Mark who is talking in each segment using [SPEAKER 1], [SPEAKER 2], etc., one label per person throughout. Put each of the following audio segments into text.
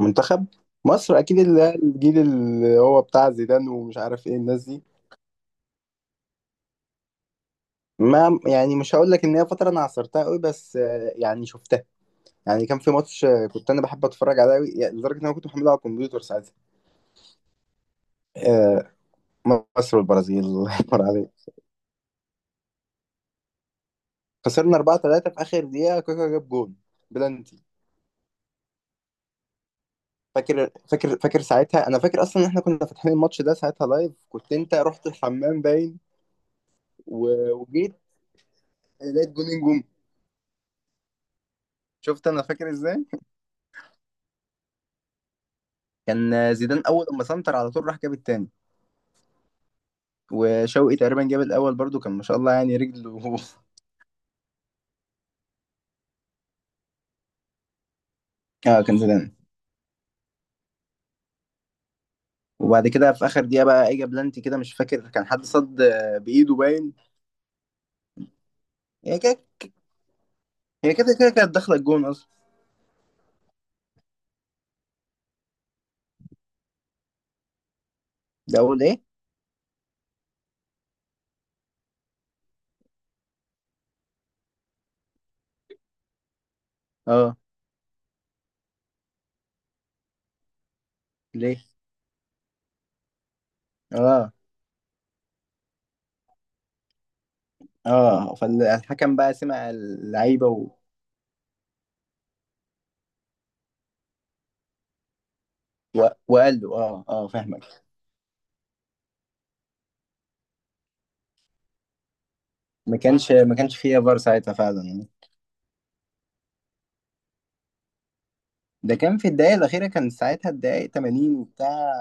[SPEAKER 1] منتخب مصر اكيد اللي الجيل اللي هو بتاع زيدان ومش عارف ايه الناس دي. ما يعني مش هقول لك ان هي فتره انا عصرتها قوي، بس يعني شفتها. يعني كان في ماتش كنت انا بحب اتفرج عليه قوي، يعني لدرجه ان انا كنت محمله على الكمبيوتر ساعتها. آه، مصر والبرازيل الله يكبر عليك. خسرنا 4-3 في اخر دقيقه، كاكا جاب جون بلانتي. فاكر ساعتها، انا فاكر اصلا ان احنا كنا فاتحين الماتش ده ساعتها لايف، كنت انت رحت الحمام باين. وجيت لقيت جونين جم. شفت؟ انا فاكر ازاي. كان زيدان اول لما سنتر على طول راح جاب التاني. وشوقي تقريبا جاب الاول برضو، كان ما شاء الله يعني رجله اه كان زيدان. وبعد كده في اخر دقيقه بقى اجى بلانتي كده، مش فاكر كان حد صد بايده باين. هي كده، هي كده كده كانت داخله الجون اصلا. ده اول ايه؟ اه. ليه؟ اه اه، فالحكم بقى سمع اللعيبه وقال له اه اه فاهمك. ما كانش فيها فار ساعتها فعلا يعني. ده كان في الدقايق الاخيره، كان ساعتها الدقايق 80 وبتاع.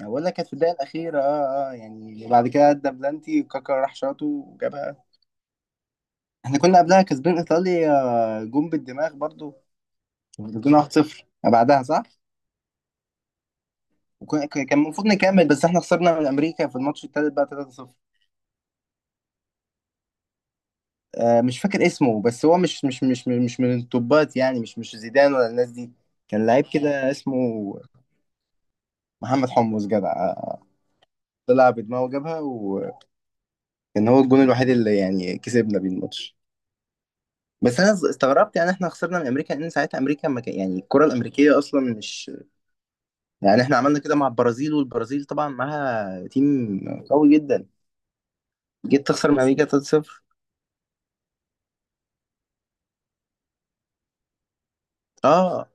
[SPEAKER 1] أنا بقول لك كانت في الدقيقة الأخيرة، اه اه يعني، وبعد كده أدى بلانتي وكاكا راح شاطه وجابها. احنا كنا قبلها كسبين إيطاليا، جون بالدماغ برضو. كسبنا 1-0 بعدها صح؟ كان المفروض نكمل، بس احنا خسرنا من أمريكا في الماتش التالت بقى 3-0. آه، مش فاكر اسمه، بس هو مش من التوبات يعني، مش زيدان ولا الناس دي. كان لعيب كده اسمه. محمد حمص، جدع. طلع بدماغه وجابها، وكان هو الجون الوحيد اللي يعني كسبنا بيه الماتش. بس انا استغربت يعني احنا خسرنا من امريكا، لان ساعتها امريكا ما كان يعني الكره الامريكيه اصلا مش. يعني احنا عملنا كده مع البرازيل، والبرازيل طبعا معاها تيم قوي جدا، جيت تخسر من امريكا 3-0. اه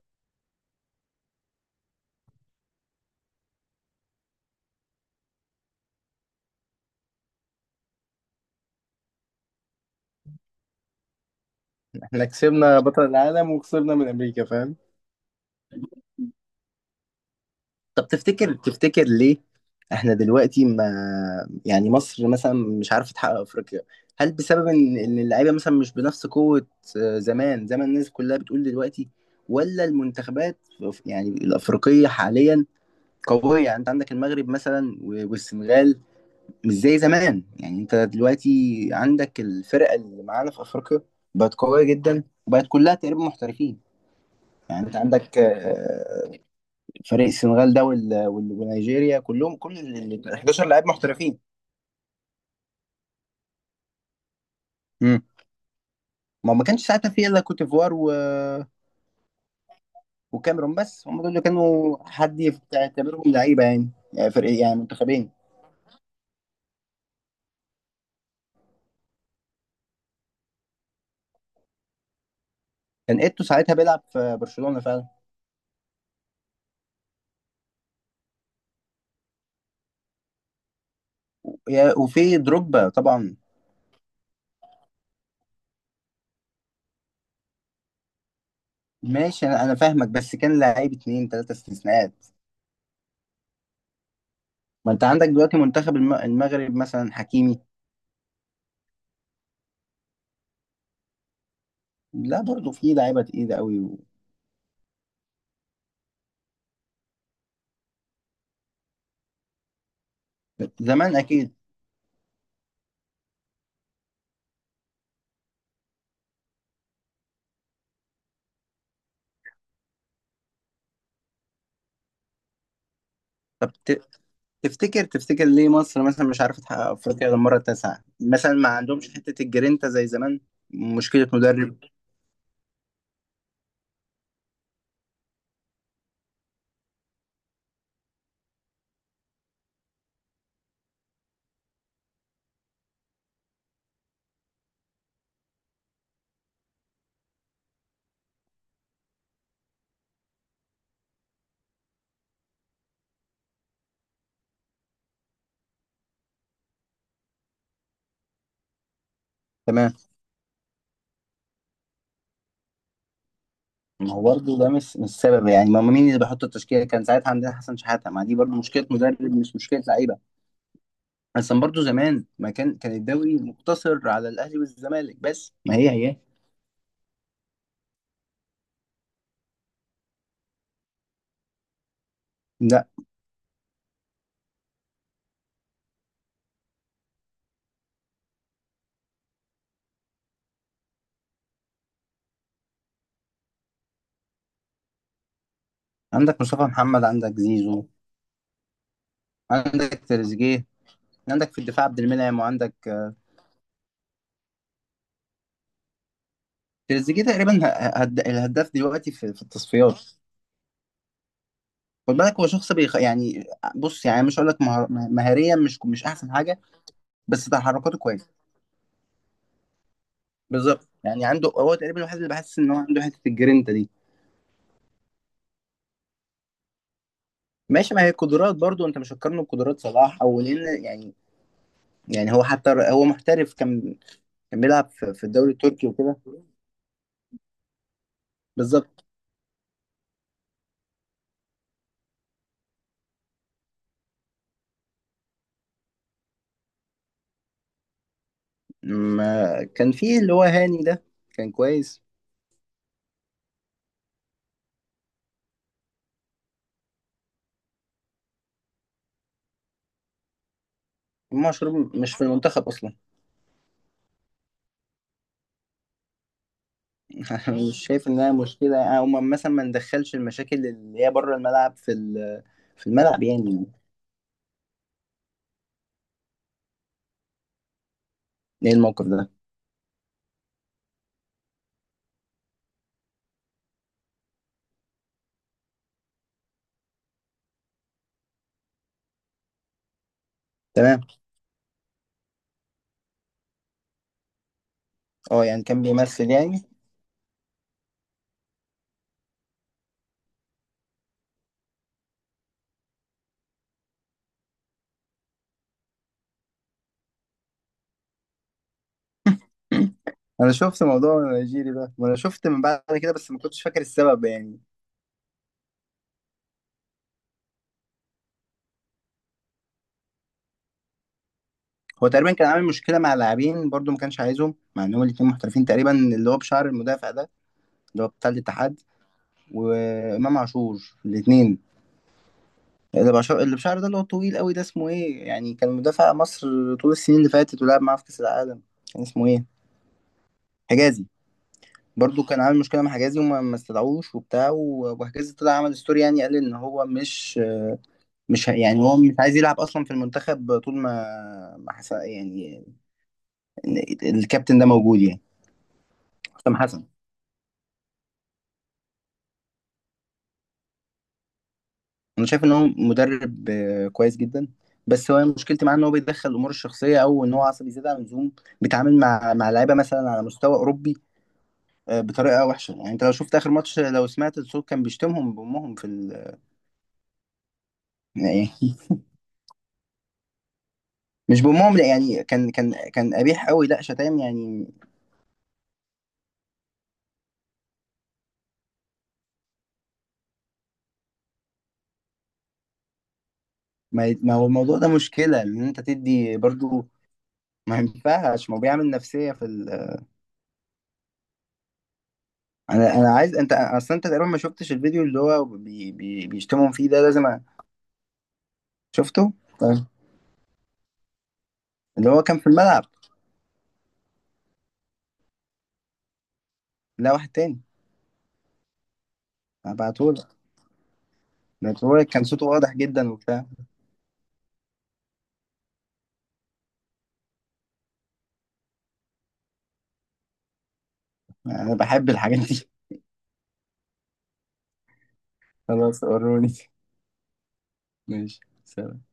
[SPEAKER 1] احنا كسبنا بطل العالم وخسرنا من امريكا، فاهم؟ طب تفتكر، تفتكر ليه؟ احنا دلوقتي ما، يعني مصر مثلا مش عارفه تحقق افريقيا؟ هل بسبب ان إن اللعيبه مثلا مش بنفس قوه زمان زي ما الناس كلها بتقول دلوقتي، ولا المنتخبات يعني الافريقيه حاليا قوية؟ يعني انت عندك المغرب مثلا والسنغال، مش زي زمان. يعني انت دلوقتي عندك الفرقة اللي معانا في افريقيا بقت قوية جدا، وبقت كلها تقريبا محترفين. يعني انت عندك فريق السنغال ده ونيجيريا، كلهم، كل ال 11 لاعب محترفين. مم. ما ما كانش ساعتها في الا كوت ديفوار وكاميرون بس، هم دول اللي كانوا حد يعتبرهم لعيبة يعني، يعني فرق، يعني منتخبين. كان ايتو ساعتها بيلعب في برشلونة فعلا. وفي دروجبا طبعا. ماشي، انا فاهمك بس كان لعيب اتنين تلاتة استثناءات. ما انت عندك دلوقتي منتخب المغرب مثلا، حكيمي. لا برضه في لعيبه تقيله قوي. و... زمان اكيد. طب تفتكر، تفتكر ليه مصر مثلا مش عارفه تحقق افريقيا للمره التاسعه مثلا؟ ما عندهمش حته الجرينتا زي زمان. مشكله مدرب؟ تمام. ما هو برضه ده مش السبب يعني. ما هو مين اللي بيحط التشكيله؟ كان ساعتها عندنا حسن شحاته، ما دي برضه مشكله مدرب مش مشكله لعيبه. اصلا برضه زمان ما كان، الدوري مقتصر على الاهلي والزمالك بس، ما هي. لا. عندك مصطفى محمد، عندك زيزو، عندك تريزيجيه، عندك في الدفاع عبد المنعم، وعندك. تريزيجيه تقريبا الهداف دلوقتي في، في التصفيات. خد بالك، هو شخص يعني. بص، يعني مش هقول لك مهاريا مش، مش احسن حاجه، بس تحركاته كويسه. بالظبط، يعني عنده، هو تقريبا الوحيد اللي بحس ان هو عنده حته الجرينتا دي. ماشي، ما هي قدرات برضو، انت مش هتقارنه بقدرات صلاح او لان يعني. يعني هو حتى هو محترف، كان بيلعب في الدوري التركي وكده. بالظبط. ما كان فيه اللي هو هاني ده، كان كويس. إمام عاشور مش في المنتخب اصلا. مش شايف انها مشكله؟ او مثلا ما ندخلش المشاكل اللي هي بره الملعب، في في الملعب يعني. ايه الموقف ده؟ تمام. اه يعني كان بيمثل يعني. انا شفت موضوع النيجيري ده، وانا شفت من بعد كده، بس ما كنتش فاكر السبب يعني. هو تقريبا كان عامل مشكله مع لاعبين برضو، ما كانش عايزهم مع ان هما الاتنين محترفين تقريبا، اللي هو بشعر المدافع ده اللي هو بتاع الاتحاد، وامام عاشور، الاتنين. اللي بشعر، اللي بشعر ده اللي هو طويل قوي ده، اسمه ايه يعني؟ كان مدافع مصر طول السنين اللي فاتت، ولعب معاه في كأس العالم. كان اسمه ايه؟ حجازي. برضو كان عامل مشكلة مع حجازي، وما ما استدعوش وبتاع. وحجازي طلع عمل ستوري يعني، قال ان هو مش، يعني هو مش عايز يلعب اصلا في المنتخب طول ما، ما حسن يعني، الكابتن ده موجود يعني. حسام حسن، انا شايف ان هو مدرب كويس جدا. بس هو مشكلتي معاه ان هو بيتدخل الامور الشخصيه، او ان هو عصبي زياده عن اللزوم، بيتعامل مع لعيبه مثلا على مستوى اوروبي بطريقه وحشه يعني. انت لو شفت اخر ماتش، لو سمعت الصوت، كان بيشتمهم بامهم في ال، يعني إيه؟ مش بامهم لا، يعني كان كان قبيح قوي، لا شتايم يعني. ما هو الموضوع ده مشكله ان انت تدي برضو. ما ينفعش، ما هو بيعمل نفسيه في ال. انا عايز انت اصلا انت تقريبا ما شفتش الفيديو اللي هو بيشتمهم فيه ده، لازم شفته. طيب. اللي هو كان في الملعب. لا، واحد تاني. هبعتهولك. هبعتهولك، كان صوته واضح جدا وبتاع. انا بحب الحاجات دي خلاص، وروني. ماشي. سلام.